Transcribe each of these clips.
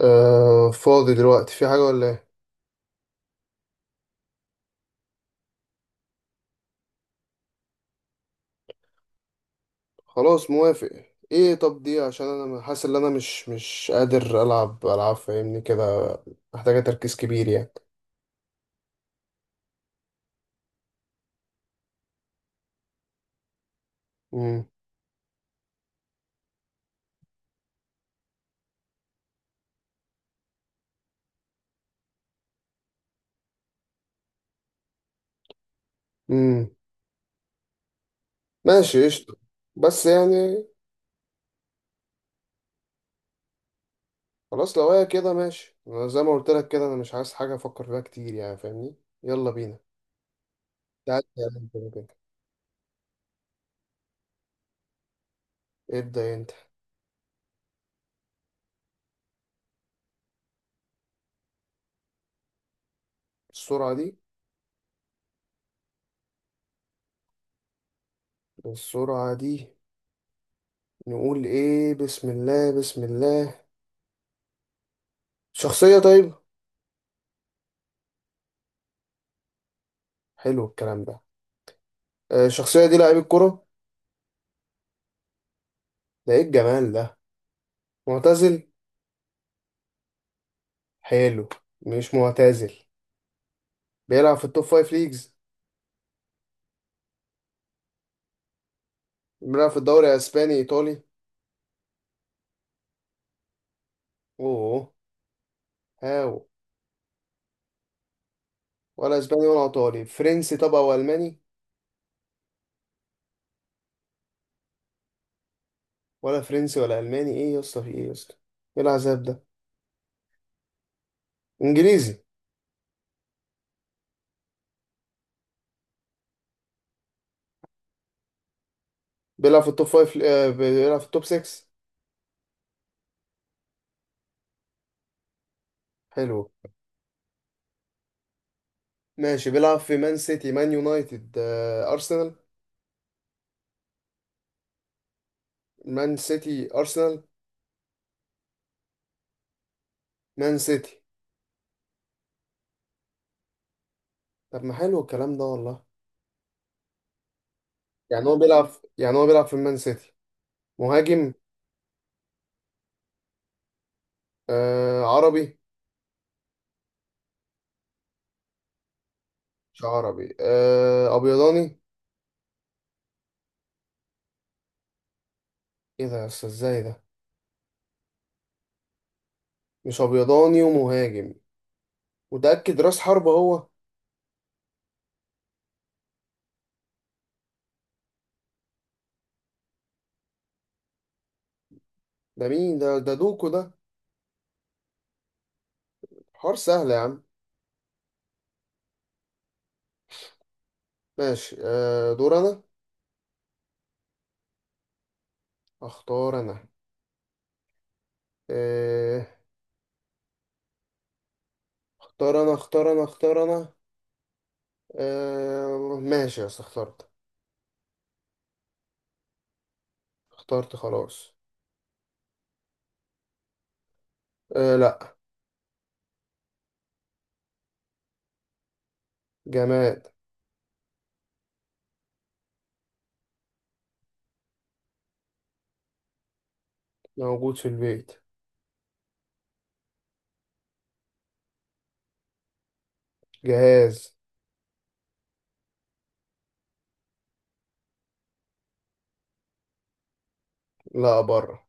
آه، فاضي دلوقتي. في حاجة ولا ايه؟ خلاص موافق. ايه طب دي؟ عشان انا حاسس ان انا مش قادر العب العاب، فاهمني كده؟ محتاجة تركيز كبير يعني. امم امم ماشي قشطة. بس يعني خلاص، لو هي كده ماشي. أنا زي ما قلت لك كده، انا مش عايز حاجة افكر فيها كتير يعني، فاهمني؟ يلا بينا. تعال تعال انت بقى كده. ابدأ انت. السرعة دي، السرعة دي. نقول ايه، بسم الله بسم الله. شخصية، طيب. حلو الكلام ده. آه، الشخصية دي لعيب الكرة. ده ايه الجمال ده؟ معتزل. حلو. مش معتزل. بيلعب في التوب فايف ليجز. بيلعب في الدوري اسباني، ايطالي. اوه. هاو. ولا اسباني ولا ايطالي، فرنسي طبعا، والماني. ولا فرنسي ولا الماني، ايه يا اسطى، في ايه يا اسطى؟ ايه العذاب ده؟ انجليزي. بيلعب في التوب فايف. آه، بيلعب في التوب 6. حلو. ماشي، بيلعب في مان سيتي، مان يونايتد، آه، ارسنال. مان سيتي، ارسنال. مان سيتي. طب ما حلو الكلام ده والله. يعني هو يعني هو بيلعب في المان سيتي. مهاجم. آه، عربي. مش عربي. آه، ابيضاني. ايه ده يا أستاذ؟ ازاي ده؟ مش ابيضاني ومهاجم؟ متأكد راس حربة هو؟ ده مين ده دوكو ده. حوار سهل يا عم. ماشي. آه، دور انا. اختار انا. آه، اختار انا، اختار انا، اختار انا. آه ماشي يا أستاذ، اخترت. اخترت خلاص. آه، لا. جماد. موجود في البيت. جهاز. لا، بره.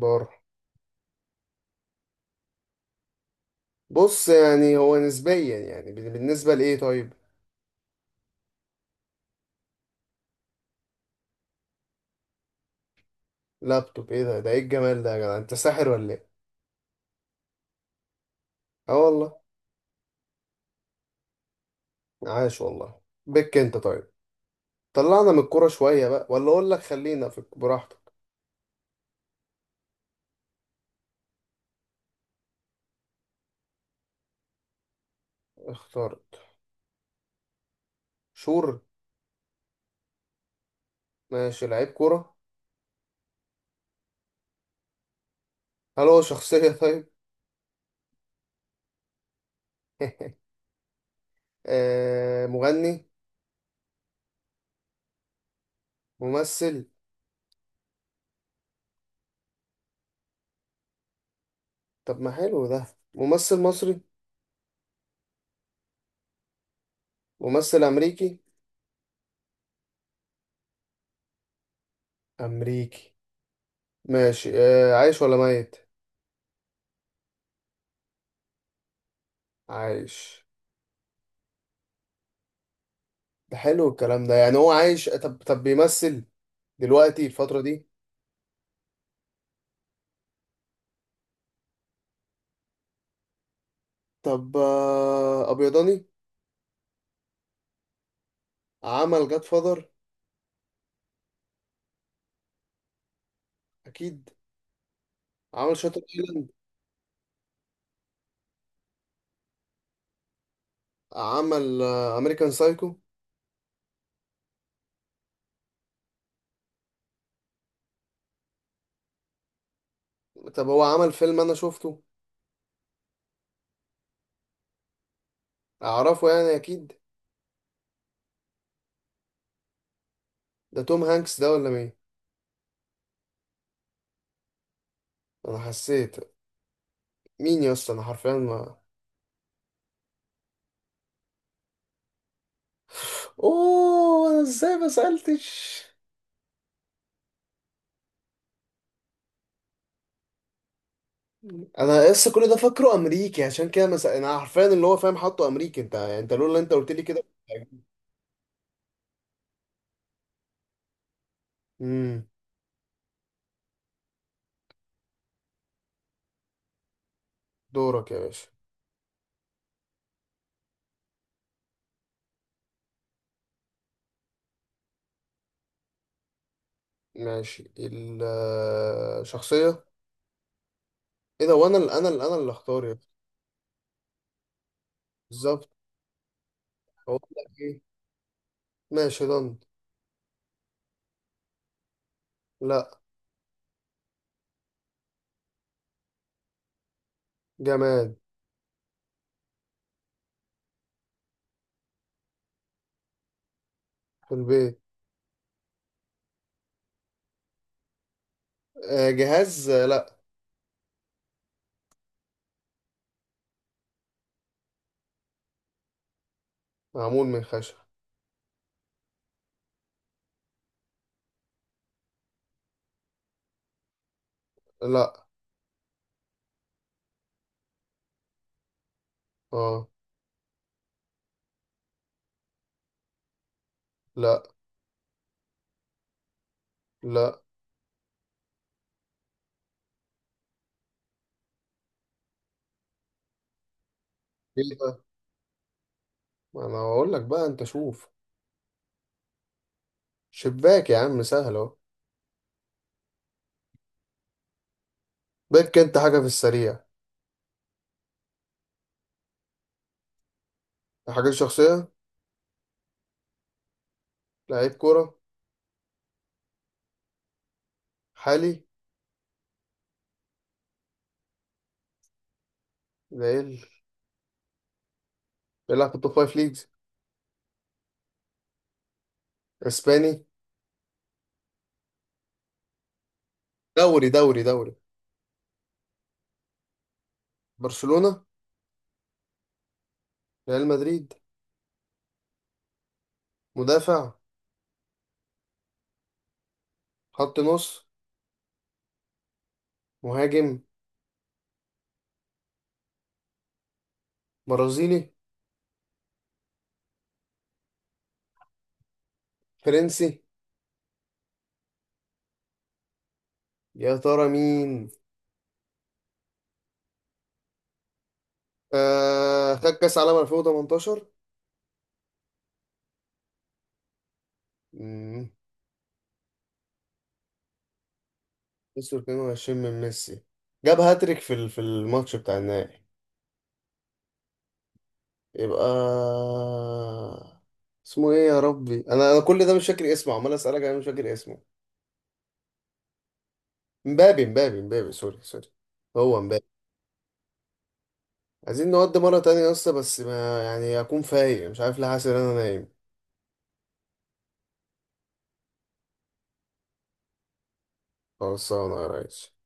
بره. بص، يعني هو نسبيا، يعني بالنسبة لإيه طيب؟ لابتوب؟ إيه ده؟ ده إيه الجمال ده يا جدع؟ أنت ساحر ولا إيه؟ آه والله. عاش والله بك أنت، طيب. طلعنا من الكورة شوية بقى، ولا أقول لك خلينا في براحتك. اخترت. شور. ماشي، لعيب كورة. هل هو شخصية طيب؟ آه، مغني. ممثل. طب ما حلو ده. ممثل مصري. ممثل أمريكي. أمريكي. ماشي. آه، عايش ولا ميت؟ عايش. ده حلو الكلام ده. يعني هو عايش، طب، بيمثل دلوقتي الفترة دي. طب آه، أبيضاني. عمل جاد فاذر. أكيد. عمل شاتر ايلاند. عمل أمريكان سايكو. طب هو عمل فيلم أنا شفته. أعرفه يعني أكيد. ده توم هانكس ده ولا مين؟ أنا حسيت. مين يا اسطى؟ أنا حرفيا ما... أوه، أنا إزاي ما سألتش؟ أنا لسه كل ده فاكره أمريكي، عشان كده مس... أنا حرفيا اللي هو فاهم حاطه أمريكي. أنت يعني، أنت لولا أنت قلت لي كده. امم. دورك يا باشا. ماشي. الشخصية. ايه ده؟ وانا اللي اختار يا ابني. بالظبط. اقول لك ايه. ماشي، ضن. لا. جماد. في البيت. آه، جهاز. آه، لا. معمول من خشب. لا. اه. لا. لا. ايه ده؟ ما انا هقول لك بقى، انت شوف. شباك يا عم، سهل اهو. بك انت، حاجة في السريع. حاجة، شخصية. لعيب كورة. حالي. ليل. بيلعب في التوب فايف ليجز. اسباني. دوري، دوري، دوري. برشلونة. ريال مدريد. مدافع. خط نص. مهاجم. برازيلي. فرنسي. يا ترى مين؟ آه، خد كاس عالم 2018. امم. 22 من ميسي. جاب هاتريك في الماتش بتاع النهائي. يبقى اسمه ايه يا ربي؟ انا كل ده مش فاكر اسمه، عمال اسالك انا مش فاكر اسمه. مبابي، مبابي، مبابي. سوري، سوري. هو مبابي. عايزين نودي مره تانية يا اسطى، بس ما يعني اكون فايق، مش عارف ليه حاسس ان انا نايم. خلصانه يا ريس.